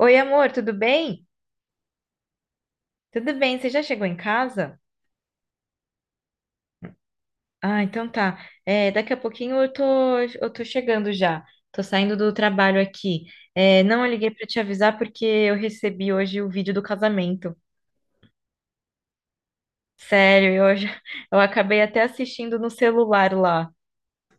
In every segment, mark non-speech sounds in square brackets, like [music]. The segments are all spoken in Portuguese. Oi, amor, tudo bem? Tudo bem, você já chegou em casa? Ah, então tá. Daqui a pouquinho eu tô chegando já. Tô saindo do trabalho aqui. Não, eu liguei pra te avisar porque eu recebi hoje o vídeo do casamento. Sério, já- [laughs] eu acabei até assistindo no celular lá,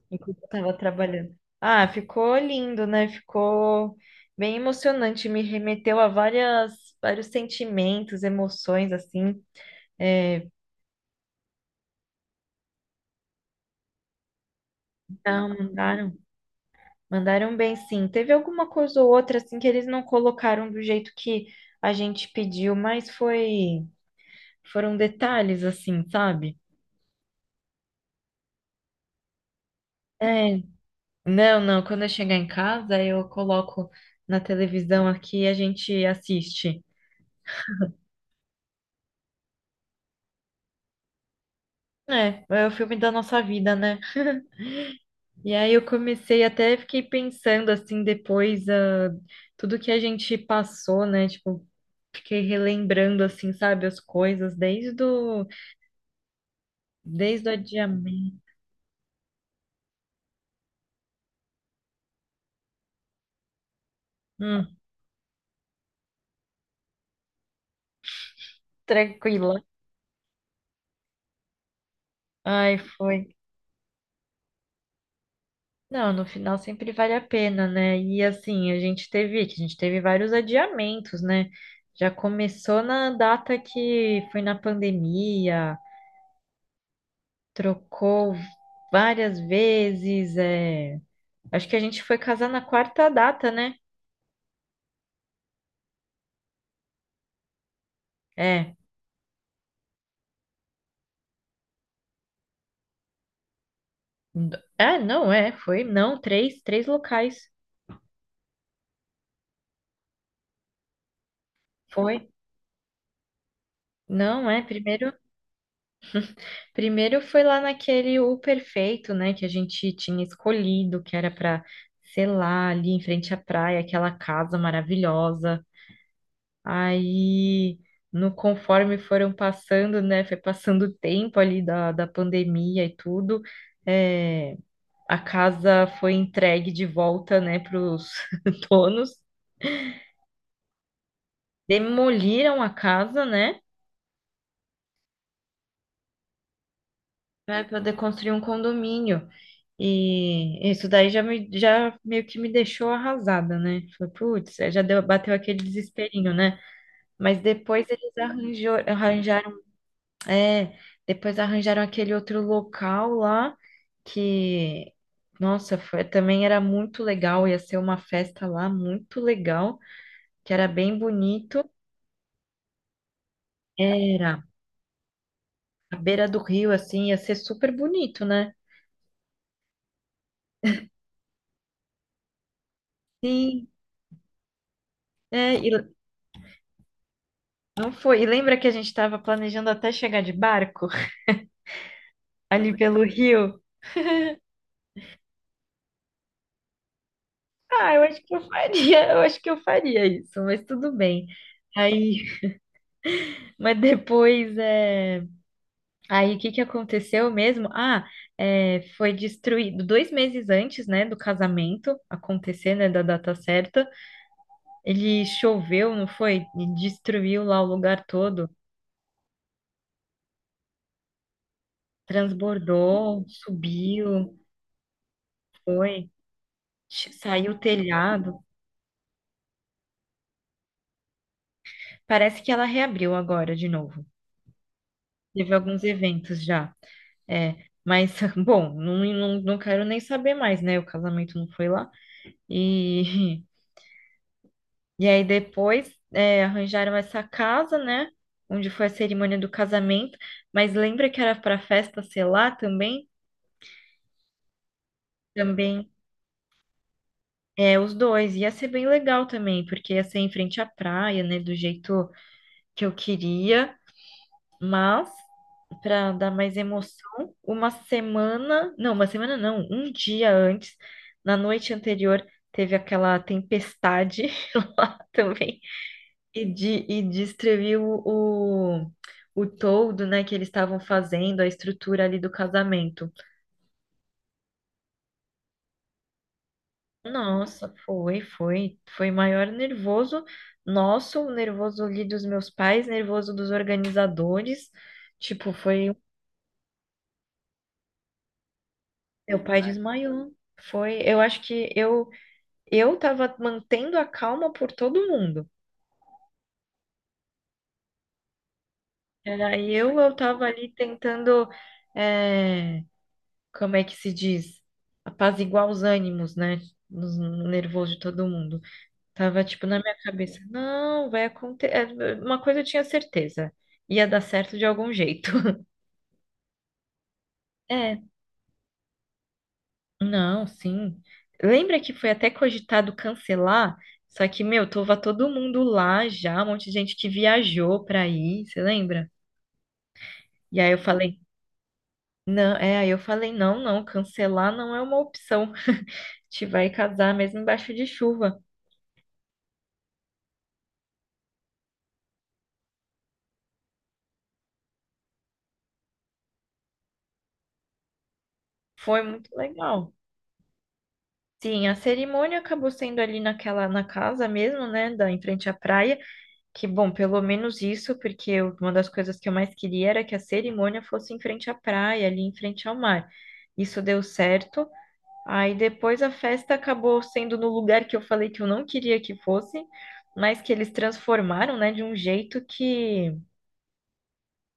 enquanto eu tava trabalhando. Ah, ficou lindo, né? Ficou bem emocionante. Me remeteu a vários sentimentos, emoções, assim. É, não, mandaram. Mandaram bem, sim. Teve alguma coisa ou outra assim que eles não colocaram do jeito que a gente pediu, mas foi foram detalhes assim, sabe? É, não, não, quando eu chegar em casa, eu coloco na televisão aqui e a gente assiste. É, é o filme da nossa vida, né? E aí eu comecei até fiquei pensando assim depois ah, tudo que a gente passou, né? Tipo, fiquei relembrando assim, sabe, as coisas desde o adiamento. Hum. Tranquila. Ai, foi. Não, no final sempre vale a pena, né? E assim, que a gente teve vários adiamentos, né? Já começou na data que foi na pandemia, trocou várias vezes, é. Acho que a gente foi casar na quarta data, né? É. É, não, é, foi, não, três, três locais. Foi. Não, é, primeiro Primeiro foi lá naquele O Perfeito, né, que a gente tinha escolhido, que era para, sei lá, ali em frente à praia, aquela casa maravilhosa. Aí, no conforme foram passando, né, foi passando o tempo ali da pandemia e tudo, é, a casa foi entregue de volta, né, para os [laughs] donos. Demoliram a casa, né? Vai poder construir um condomínio. E isso daí já meio que me deixou arrasada, né? Falei, putz, é, já deu, bateu aquele desesperinho, né? Mas depois arranjaram, é, depois arranjaram aquele outro local lá que, nossa, foi, também era muito legal, ia ser uma festa lá muito legal, que era bem bonito. Era à beira do rio, assim, ia ser super bonito, né? Sim, é, e não foi. E lembra que a gente estava planejando até chegar de barco [laughs] ali pelo rio? Ah, eu acho que eu faria, isso, mas tudo bem. Aí, [laughs] mas depois é. Aí o que que aconteceu mesmo? Ah, é, foi destruído dois meses antes, né, do casamento acontecer, né, da data certa. Ele choveu, não foi? E destruiu lá o lugar todo, transbordou, subiu, foi, saiu o telhado. Parece que ela reabriu agora de novo. Teve alguns eventos já. É, mas, [laughs] bom, não quero nem saber mais, né? O casamento não foi lá. E, [laughs] e aí depois é, arranjaram essa casa, né? Onde foi a cerimônia do casamento. Mas lembra que era para festa ser lá também? Também. É, os dois. Ia ser bem legal também, porque ia ser em frente à praia, né? Do jeito que eu queria. Mas, para dar mais emoção, uma semana não, um dia antes, na noite anterior, teve aquela tempestade [laughs] lá também e, de, e descreviu o toldo, né, que eles estavam fazendo, a estrutura ali do casamento. Nossa, foi maior nervoso nosso, nervoso ali dos meus pais, nervoso dos organizadores. Tipo, foi meu pai desmaiou. Foi, eu acho que eu tava mantendo a calma por todo mundo. Era eu tava ali tentando, é, como é que se diz? Apaziguar os ânimos, né? No nervoso de todo mundo. Tava tipo na minha cabeça, não, vai acontecer. Uma coisa eu tinha certeza, ia dar certo de algum jeito. [laughs] É, não, sim. Lembra que foi até cogitado cancelar? Só que, meu, tava todo mundo lá já, um monte de gente que viajou pra ir, você lembra? E aí eu falei, não, é, aí eu falei, não, não, cancelar não é uma opção. Te vai casar mesmo embaixo de chuva. Foi muito legal. Sim, a cerimônia acabou sendo ali na casa mesmo, né, da, em frente à praia. Que bom, pelo menos isso, porque uma das coisas que eu mais queria era que a cerimônia fosse em frente à praia, ali em frente ao mar. Isso deu certo. Aí depois a festa acabou sendo no lugar que eu falei que eu não queria que fosse, mas que eles transformaram, né, de um jeito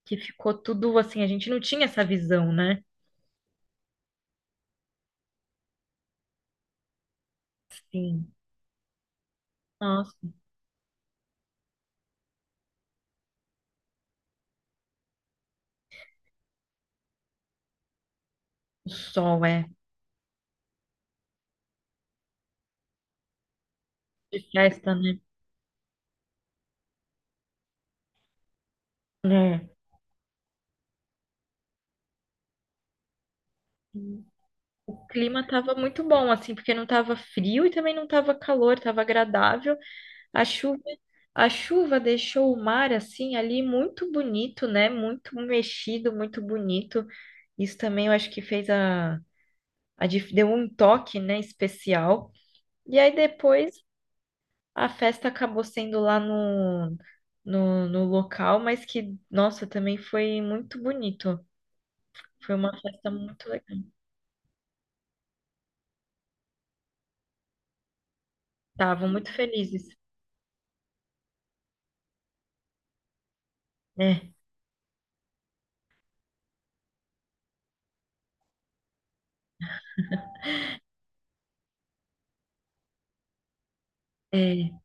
que ficou tudo assim, a gente não tinha essa visão, né? Sim. Nossa, o sol é de festa, né? É. O clima tava muito bom, assim, porque não tava frio e também não tava calor, tava agradável. A chuva, a chuva deixou o mar assim ali muito bonito, né? Muito mexido, muito bonito. Isso também eu acho que fez a deu um toque, né, especial. E aí depois a festa acabou sendo lá no local, mas que, nossa, também foi muito bonito. Foi uma festa muito legal. Estavam muito felizes, né? É.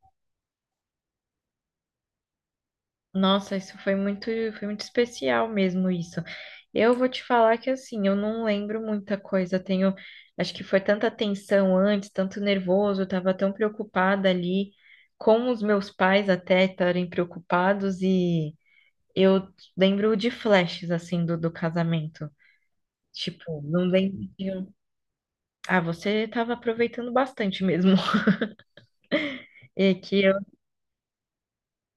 Nossa, foi muito especial mesmo isso. Eu vou te falar que assim, eu não lembro muita coisa. Tenho, acho que foi tanta tensão antes, tanto nervoso, eu tava tão preocupada ali com os meus pais até estarem preocupados e eu lembro de flashes assim do casamento. Tipo, não lembro. Ah, você tava aproveitando bastante mesmo. [laughs] E que eu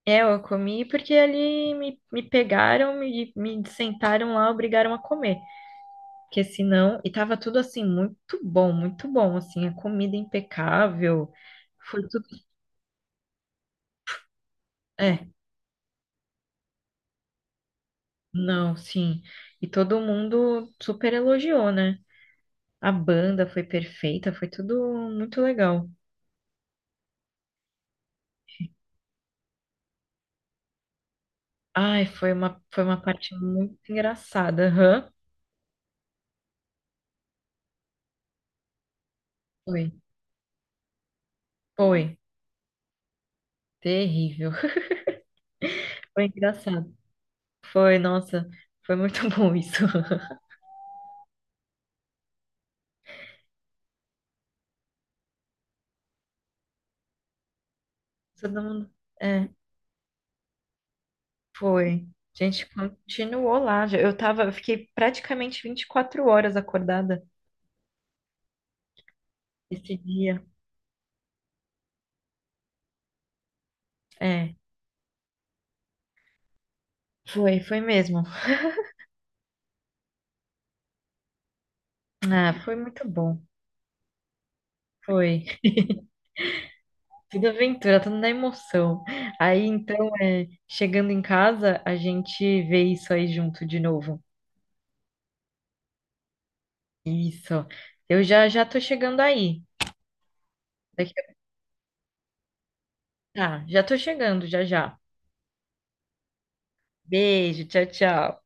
é, eu comi porque ali me pegaram, me sentaram lá, obrigaram a comer. Porque senão, e tava tudo assim, muito bom, assim, a comida impecável, foi tudo, é, não, sim, e todo mundo super elogiou, né? A banda foi perfeita, foi tudo muito legal. Ai, foi uma parte muito engraçada, aham. Foi, foi, terrível, [laughs] foi engraçado, foi, nossa, foi muito [laughs] bom isso, todo mundo, é. Foi. A gente continuou lá. Eu fiquei praticamente 24 horas acordada esse dia. É, foi mesmo. Ah, foi muito bom. Foi. Tudo aventura, tudo na emoção. Aí então, é, chegando em casa, a gente vê isso aí junto de novo. Isso. Eu já já tô chegando aí. Daqui a... Tá, já tô chegando, já já. Beijo, tchau, tchau.